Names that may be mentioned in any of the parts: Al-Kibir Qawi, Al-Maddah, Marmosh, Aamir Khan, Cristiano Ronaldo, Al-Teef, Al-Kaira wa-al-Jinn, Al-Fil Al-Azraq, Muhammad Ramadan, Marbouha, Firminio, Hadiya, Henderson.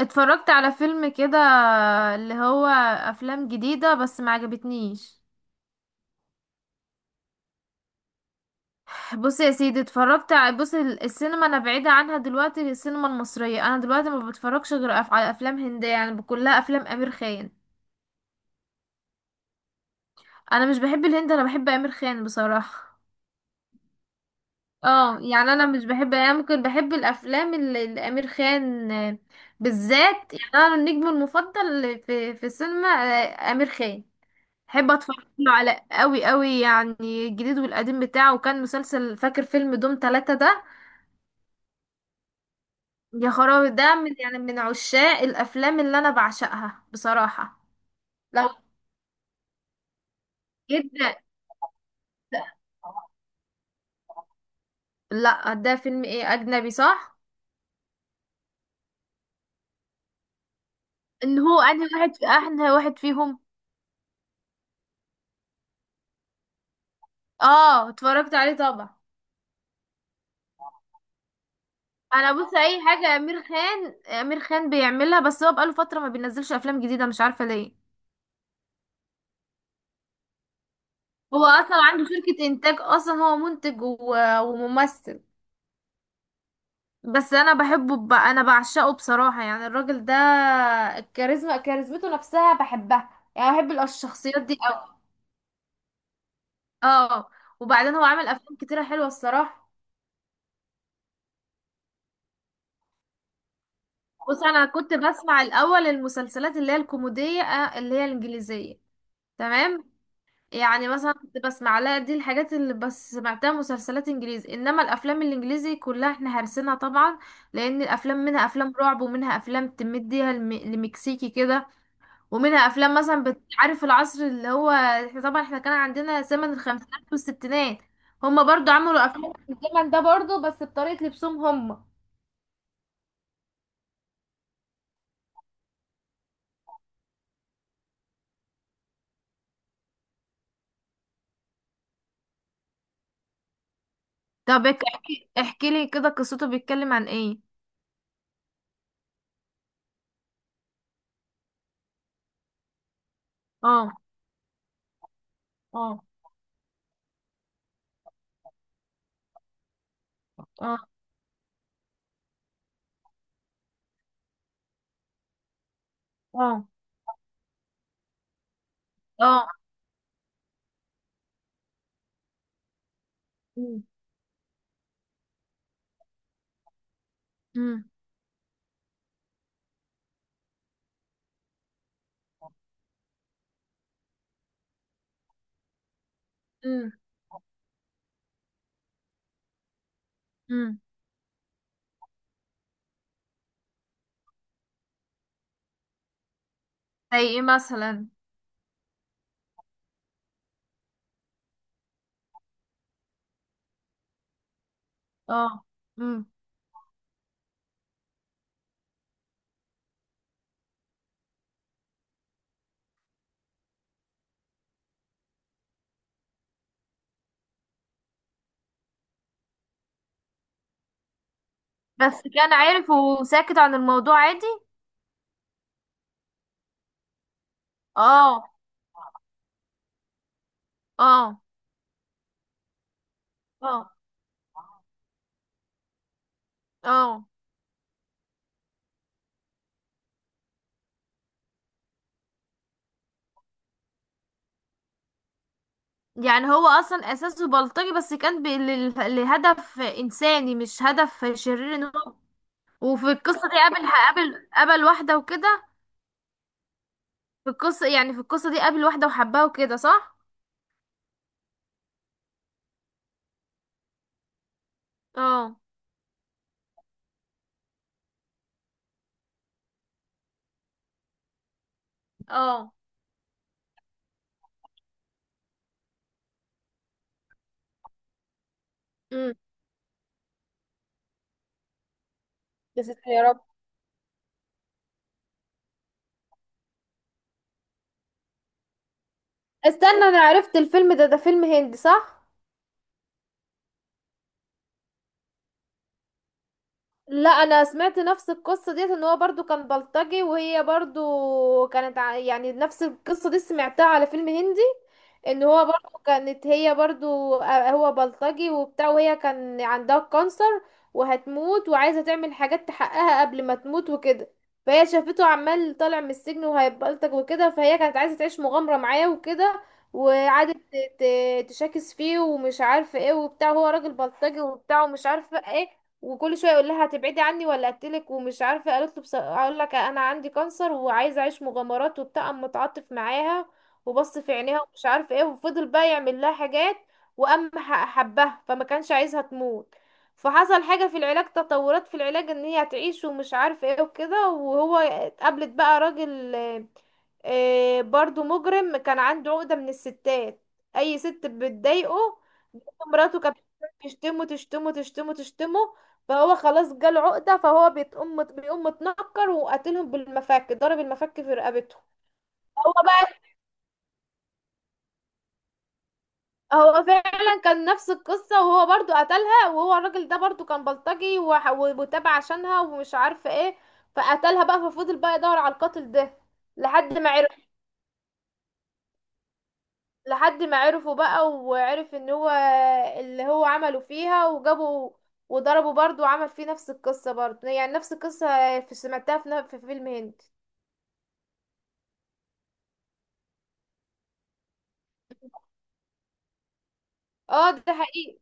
اتفرجت على فيلم كده، اللي هو افلام جديدة بس ما عجبتنيش. بص يا سيدي، اتفرجت السينما انا بعيدة عنها دلوقتي. السينما المصرية انا دلوقتي ما بتفرجش غير على افلام هندية، يعني كلها افلام امير خان. انا مش بحب الهند، انا بحب امير خان بصراحة. اه يعني انا مش بحب، يعني ممكن بحب الافلام اللي امير خان، بالذات. يعني انا النجم المفضل في السينما امير خان. بحب اتفرج له على قوي قوي يعني. الجديد والقديم بتاعه، وكان مسلسل، فاكر فيلم دوم ثلاثة ده؟ يا خرابي، ده من، يعني من عشاق الافلام اللي انا بعشقها بصراحة. لو جدا. لا ده فيلم ايه، اجنبي، صح؟ ان هو انهي واحد في احنا واحد فيهم. اه اتفرجت عليه طبعا. انا بص، اي حاجة امير خان، امير خان بيعملها. بس هو بقاله فترة ما بينزلش افلام جديدة، مش عارفة ليه. هو اصلا عنده شركة انتاج، اصلا هو منتج وممثل. بس انا بحبه انا بعشقه بصراحة، يعني الراجل ده الكاريزما، كاريزمته نفسها بحبها. يعني بحب الشخصيات دي قوي. اه وبعدين هو عامل افلام كتيرة حلوة الصراحة. بص انا كنت بسمع الاول المسلسلات اللي هي الكوميدية، اللي هي الانجليزية. تمام. يعني مثلا كنت بسمع لها دي الحاجات اللي، بس سمعتها مسلسلات انجليزي، انما الافلام الانجليزي كلها احنا هرسنا طبعا. لان الافلام منها افلام رعب، ومنها افلام تمديها لمكسيكي كده. ومنها افلام مثلا، بتعرف العصر اللي هو احنا طبعا، احنا كان عندنا زمن الخمسينات والستينات، هما برضو عملوا افلام في الزمن ده برضو، بس بطريقة لبسهم هما. طب احكي احكي لي كده قصته، بيتكلم عن ايه؟ اه. اه. اه. اه. اه. امم. امم. امم. امم. زي ايه مثلا؟ اه. امم. بس كان عارف وساكت عن الموضوع عادي؟ اه. اه. اه. اه. يعني هو اصلا اساسه بلطجي، بس كان لهدف انساني، مش هدف شرير، ان هو. وفي القصه دي قابل قابل واحده وكده. في القصه، يعني في القصه دي قابل واحده وحبها وكده، صح؟ اه. اه. امم. يا ستي يا رب. استنى، انا عرفت الفيلم ده، ده فيلم هندي صح؟ لا انا سمعت نفس القصه ديت، ان هو برضو كان بلطجي، وهي برضو كانت يعني نفس القصه دي سمعتها على فيلم هندي. ان هو برضو، كانت هي برضو، هو بلطجي وبتاع، وهي كان عندها كانسر وهتموت، وعايزه تعمل حاجات تحققها قبل ما تموت وكده. فهي شافته عمال طالع من السجن وهيبلطج وكده، فهي كانت عايزه تعيش مغامره معاه وكده. وقعدت تشاكس فيه ومش عارفه ايه وبتاع، هو راجل بلطجي وبتاع ومش عارفه ايه. وكل شويه يقول لها هتبعدي عني ولا اقتلك ومش عارفه، قالت له اقول لك انا عندي كانسر وعايزه اعيش مغامرات وبتاع، قام متعاطف معاها. وبص في عينيها ومش عارف ايه، وفضل بقى يعمل لها حاجات. وقام حبها، فما كانش عايزها تموت. فحصل حاجه في العلاج، تطورات في العلاج، ان هي هتعيش ومش عارف ايه وكده. وهو اتقابلت بقى راجل، برضو مجرم، كان عنده عقده من الستات، اي ست بتضايقه. مراته كانت بتشتمه تشتمه، فهو خلاص جاله عقدة. فهو بيقوم، بيقوم متنكر وقاتلهم بالمفك، ضرب المفك في رقبته. هو بقى، هو فعلا كان نفس القصة، وهو برضو قتلها. وهو الراجل ده برضو كان بلطجي، وتابع عشانها ومش عارفة ايه. فقتلها بقى. ففضل بقى يدور على القاتل ده لحد ما عرف. لحد ما عرفه بقى وعرف ان هو اللي هو عمله فيها، وجابوا وضربه برضو، وعمل فيه نفس القصة برضو، يعني نفس القصة في، سمعتها في فيلم هندي. اه ده حقيقي.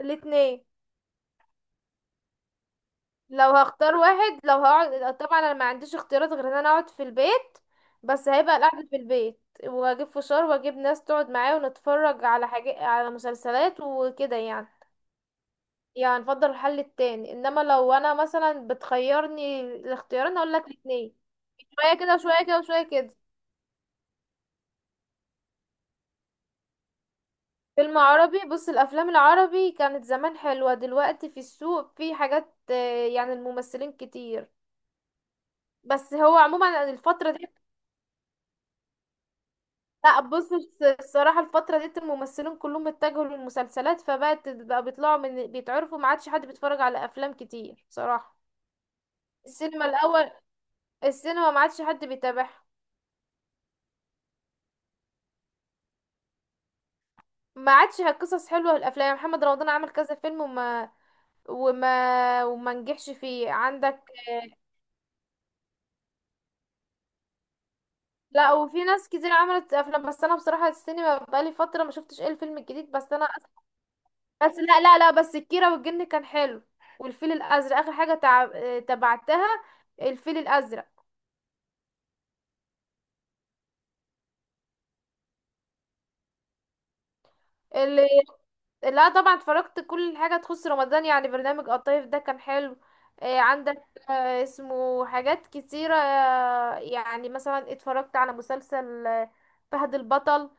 الاتنين. لو هختار واحد، لو هقعد، طبعا انا ما عنديش اختيارات غير ان انا اقعد في البيت. بس هيبقى القعدة في البيت، واجيب فشار، واجيب ناس تقعد معايا، ونتفرج على حاجة، على مسلسلات وكده يعني. يعني نفضل الحل التاني، انما لو انا مثلا بتخيرني الاختيارين، اقول لك الاتنين. شوية كده، وشوية كده، وشوية كده. فيلم عربي، بص الافلام العربي كانت زمان حلوة، دلوقتي في السوق في حاجات، يعني الممثلين كتير، بس هو عموما الفترة دي. لا بص الصراحة الفترة ديت الممثلين كلهم اتجهوا للمسلسلات، فبقت بقى بيطلعوا من بيتعرفوا، ما عادش حد بيتفرج على أفلام كتير بصراحة. السينما الأول، السينما ما عادش حد بيتابعها. ما عادش قصص حلوة في الأفلام، محمد رمضان عمل كذا فيلم وما، وما نجحش فيه عندك. آه، لا وفي ناس كتير عملت أفلام، بس أنا بصراحة السينما بقالي فترة ما شفتش ايه الفيلم الجديد، بس أنا، بس لا لا لا، بس الكيرة والجن كان حلو. والفيل الأزرق آخر حاجة تبعتها، الفيل الأزرق. اللي لا طبعا اتفرجت كل حاجة تخص رمضان، يعني برنامج الطيف ده كان حلو، عندك، اسمه حاجات كتيرة، يعني مثلا اتفرجت على مسلسل فهد البطل.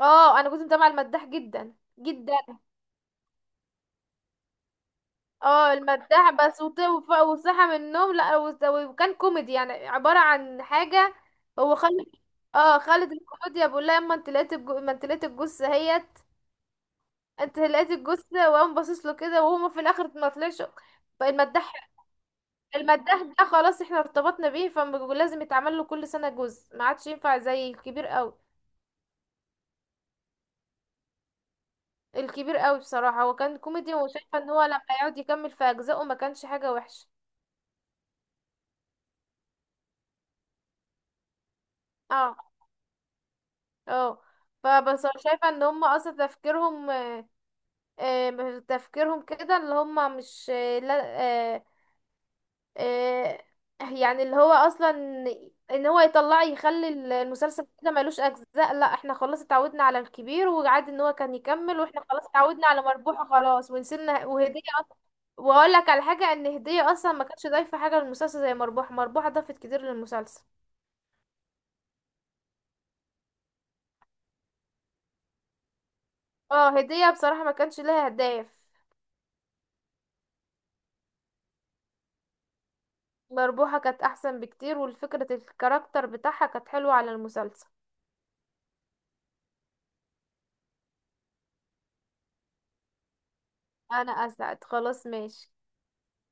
اه انا كنت متابعة المداح جدا جدا. اه المداح، وصحى من النوم، لا وز- وكان كوميدي يعني، عبارة عن حاجة. هو خالد، اه خالد الكوميديا بيقول لها، اما انت لقيت ما انت لقيت الجثة اهيت، انت لقيت الجثة، وقام باصص له كده، وهو في الاخر ما طلعش. فالمداح، المداح ده خلاص احنا ارتبطنا بيه، فلازم يتعمل له كل سنة جزء، ما عادش ينفع زي الكبير قوي. الكبير قوي بصراحة هو كان كوميدي، وشايفة ان هو لما يقعد يكمل في اجزائه ما كانش حاجة وحشة. اه. اه. فبس أنا شايفة ان هم اصلا تفكيرهم، تفكيرهم كده اللي هم مش، آه، لا آه، آه، يعني اللي هو اصلا ان هو يطلع يخلي المسلسل كده ملوش اجزاء. لا احنا خلاص اتعودنا على الكبير، وعادي ان هو كان يكمل، واحنا خلاص اتعودنا على مربوحة خلاص، ونسينا وهدية اصلا. واقول لك على حاجة، ان هدية اصلا ما كانتش ضايفة حاجة للمسلسل زي مربوحة. مربوحة ضافت كتير للمسلسل. اه هدية بصراحة ما كانش لها هدايا. مربوحة كانت أحسن بكتير، والفكرة الكاركتر بتاعها كانت حلوة على المسلسل. أنا أسعد، خلاص ماشي.